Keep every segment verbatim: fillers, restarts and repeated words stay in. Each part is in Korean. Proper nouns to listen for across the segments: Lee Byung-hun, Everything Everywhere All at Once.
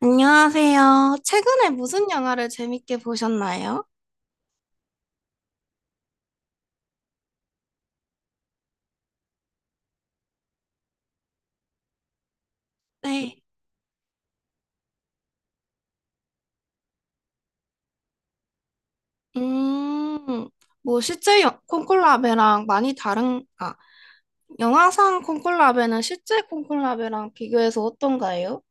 안녕하세요. 최근에 무슨 영화를 재밌게 보셨나요? 네. 음, 뭐 실제 여- 콩콜라베랑 많이 다른, 아, 영화상 콩콜라베는 실제 콩콜라베랑 비교해서 어떤가요?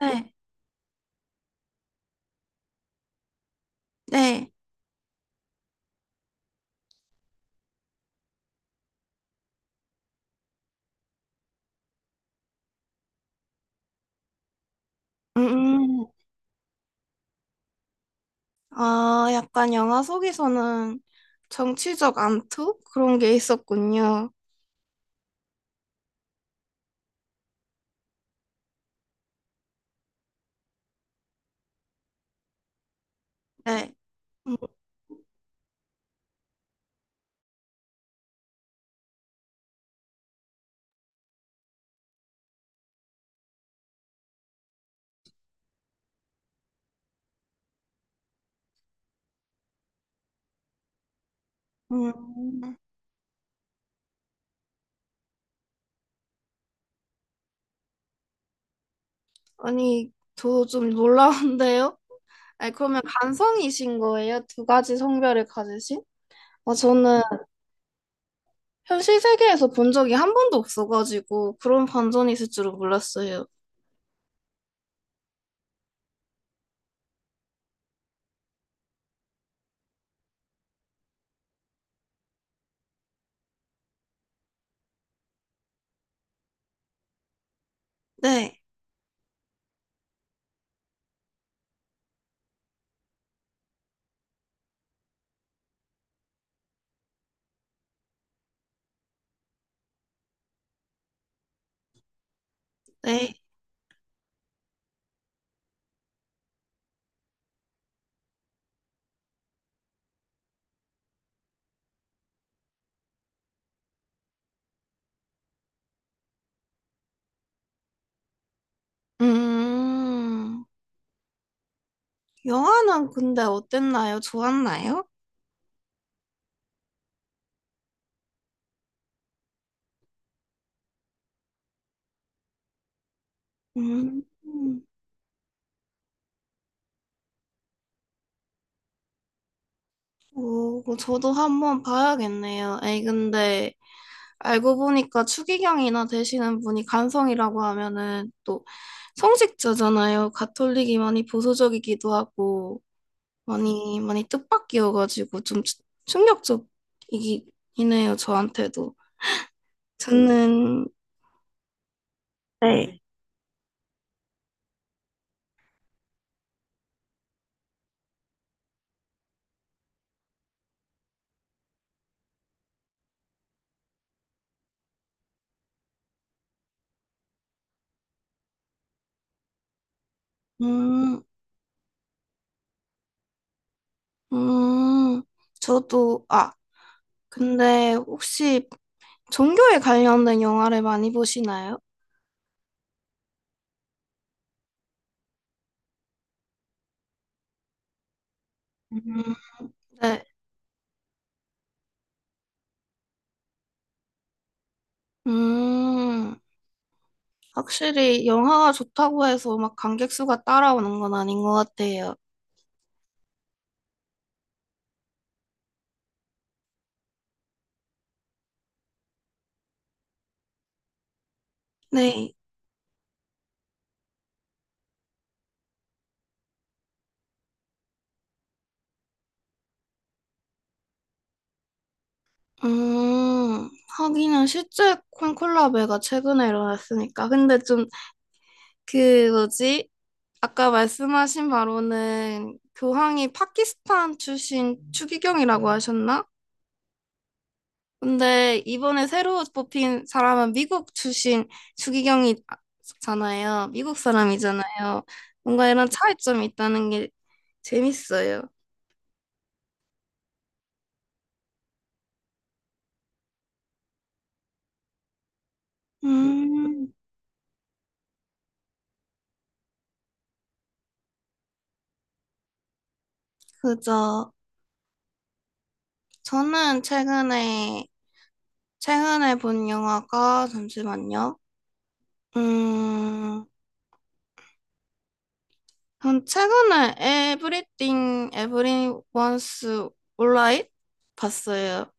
네. 네. 음, 음. 아, 약간 영화 속에서는 정치적 암투? 그런 게 있었군요. 네. 음. 음, 아니, 저 좀 놀라운데요? 아니, 그러면 간성이신 거예요? 두 가지 성별을 가지신? 아, 저는 현실 세계에서 본 적이 한 번도 없어가지고 그런 반전이 있을 줄은 몰랐어요. 네, 네. 음, 영화는 근데 어땠나요? 좋았나요? 음, 오, 그거 저도 한번 봐야겠네요. 에이, 근데 알고 보니까 추기경이나 되시는 분이 간성이라고 하면은 또 성직자잖아요. 가톨릭이 많이 보수적이기도 하고, 많이, 많이 뜻밖이어가지고 좀 추- 충격적이긴 해요, 저한테도. 저는, 네. 음, 음, 저도, 아, 근데 혹시 종교에 관련된 영화를 많이 보시나요? 음, 음, 네. 음, 확실히 영화가 좋다고 해서 막 관객 수가 따라오는 건 아닌 것 같아요. 네. 음, 하기는 실제 콘클라베가 최근에 일어났으니까. 근데 좀, 그, 뭐지? 아까 말씀하신 바로는 교황이 파키스탄 출신 추기경이라고 하셨나? 근데 이번에 새로 뽑힌 사람은 미국 출신 추기경이잖아요. 미국 사람이잖아요. 뭔가 이런 차이점이 있다는 게 재밌어요. 음, 그죠. 저는 최근에, 최근에 본 영화가, 잠시만요. 음, 전 최근에 Everything, Everyone Wants Alright 봤어요.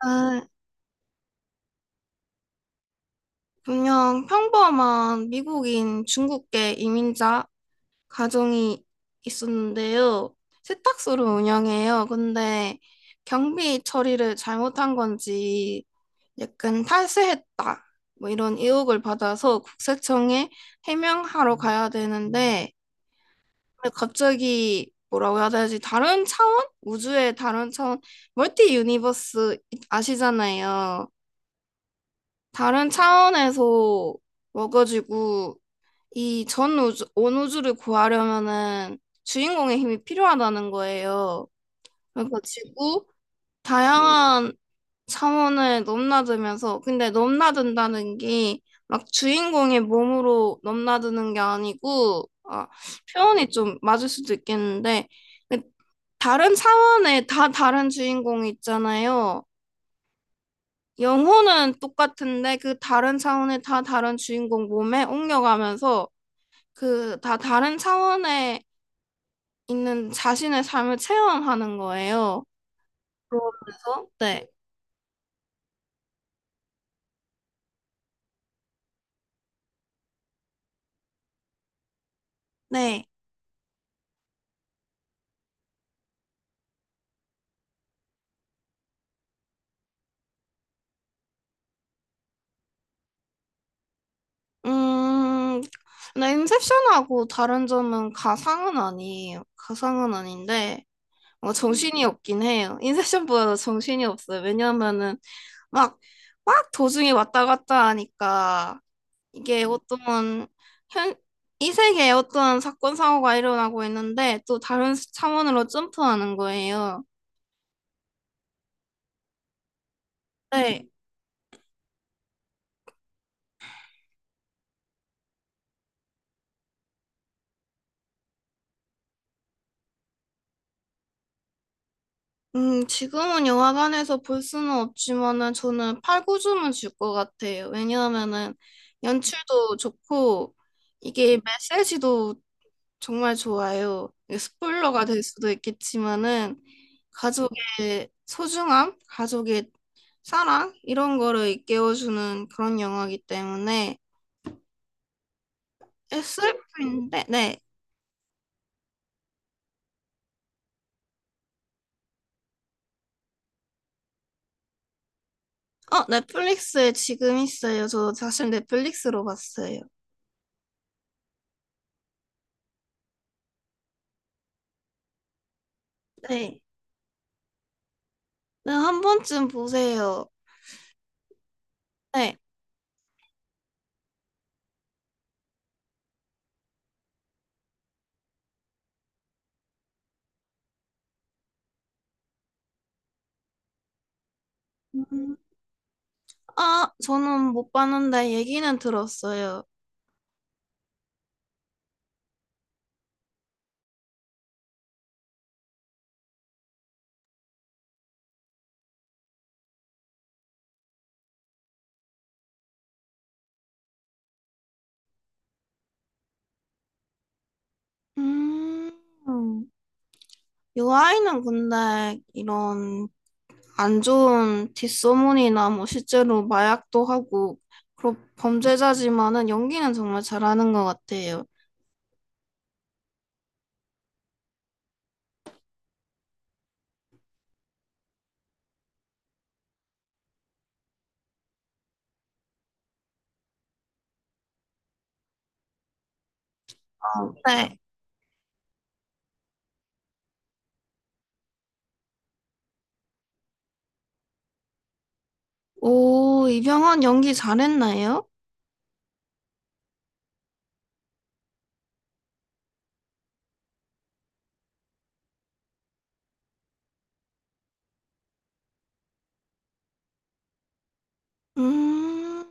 아, 그냥 평범한 미국인 중국계 이민자 가정이 있었는데요. 세탁소를 운영해요. 근데 경비 처리를 잘못한 건지 약간 탈세했다. 뭐 이런 의혹을 받아서 국세청에 해명하러 가야 되는데 근데 갑자기 뭐라고 해야 되지? 다른 차원? 우주의 다른 차원? 멀티 유니버스 아시잖아요. 다른 차원에서 와가지고 이 전 우주, 온 우주를 구하려면은 주인공의 힘이 필요하다는 거예요. 그러니까 지구 다양한 차원을 넘나들면서 근데 넘나든다는 게 막 주인공의 몸으로 넘나드는 게 아니고 아, 표현이 좀 맞을 수도 있겠는데 그 다른 차원에 다 다른 주인공이 있잖아요. 영혼은 똑같은데 그 다른 차원에 다 다른 주인공 몸에 옮겨가면서 그 다 다른 차원의 있는 자신의 삶을 체험하는 거예요. 그러면서 네, 네, 음, 근데 인셉션하고 다른 점은 가상은 아니에요. 가상은 아닌데 어, 정신이 없긴 해요. 인셉션보다 정신이 없어요. 왜냐하면은 막 막 도중에 왔다 갔다 하니까 이게 어떤 현, 이 세계에 어떤 사건 사고가 일어나고 있는데 또 다른 차원으로 점프하는 거예요. 네. 음, 지금은 영화관에서 볼 수는 없지만은 저는 팔 구주을줄 것 같아요. 왜냐하면은 연출도 좋고 이게 메시지도 정말 좋아요. 이게 스포일러가 될 수도 있겠지만은 가족의 소중함, 가족의 사랑 이런 거를 일깨워주는 그런 영화이기 때문에 에스에프인데 네. 어, 넷플릭스에 지금 있어요. 저 사실 넷플릭스로 봤어요. 네. 네, 한 번쯤 보세요. 네. 음, 아, 저는 못 봤는데 얘기는 들었어요. 음, 이 아이는 근데 이런 안 좋은 뒷소문이나 뭐 실제로 마약도 하고 그런 범죄자지만은 연기는 정말 잘하는 것 같아요. 네. 오, 이병헌 연기 잘했나요? 음,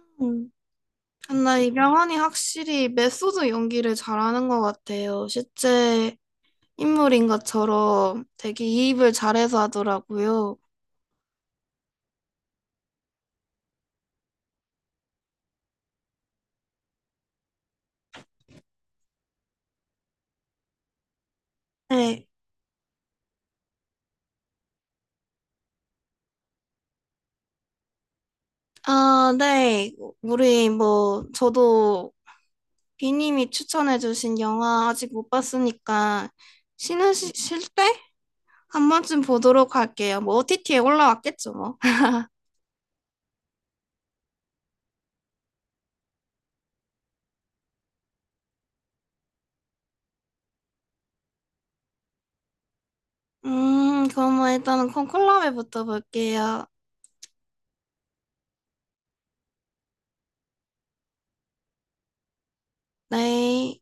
근데 이병헌이 확실히 메소드 연기를 잘하는 것 같아요. 실제 인물인 것처럼 되게 이입을 잘해서 하더라고요. 네. 아, 네. 우리 뭐 저도 비님이 추천해주신 영화 아직 못 봤으니까 쉬는 시, 쉴때 한 번쯤 보도록 할게요. 뭐 오티티에 올라왔겠죠, 뭐. 음, 그럼 뭐 일단은 콘클라베부터 볼게요. 네.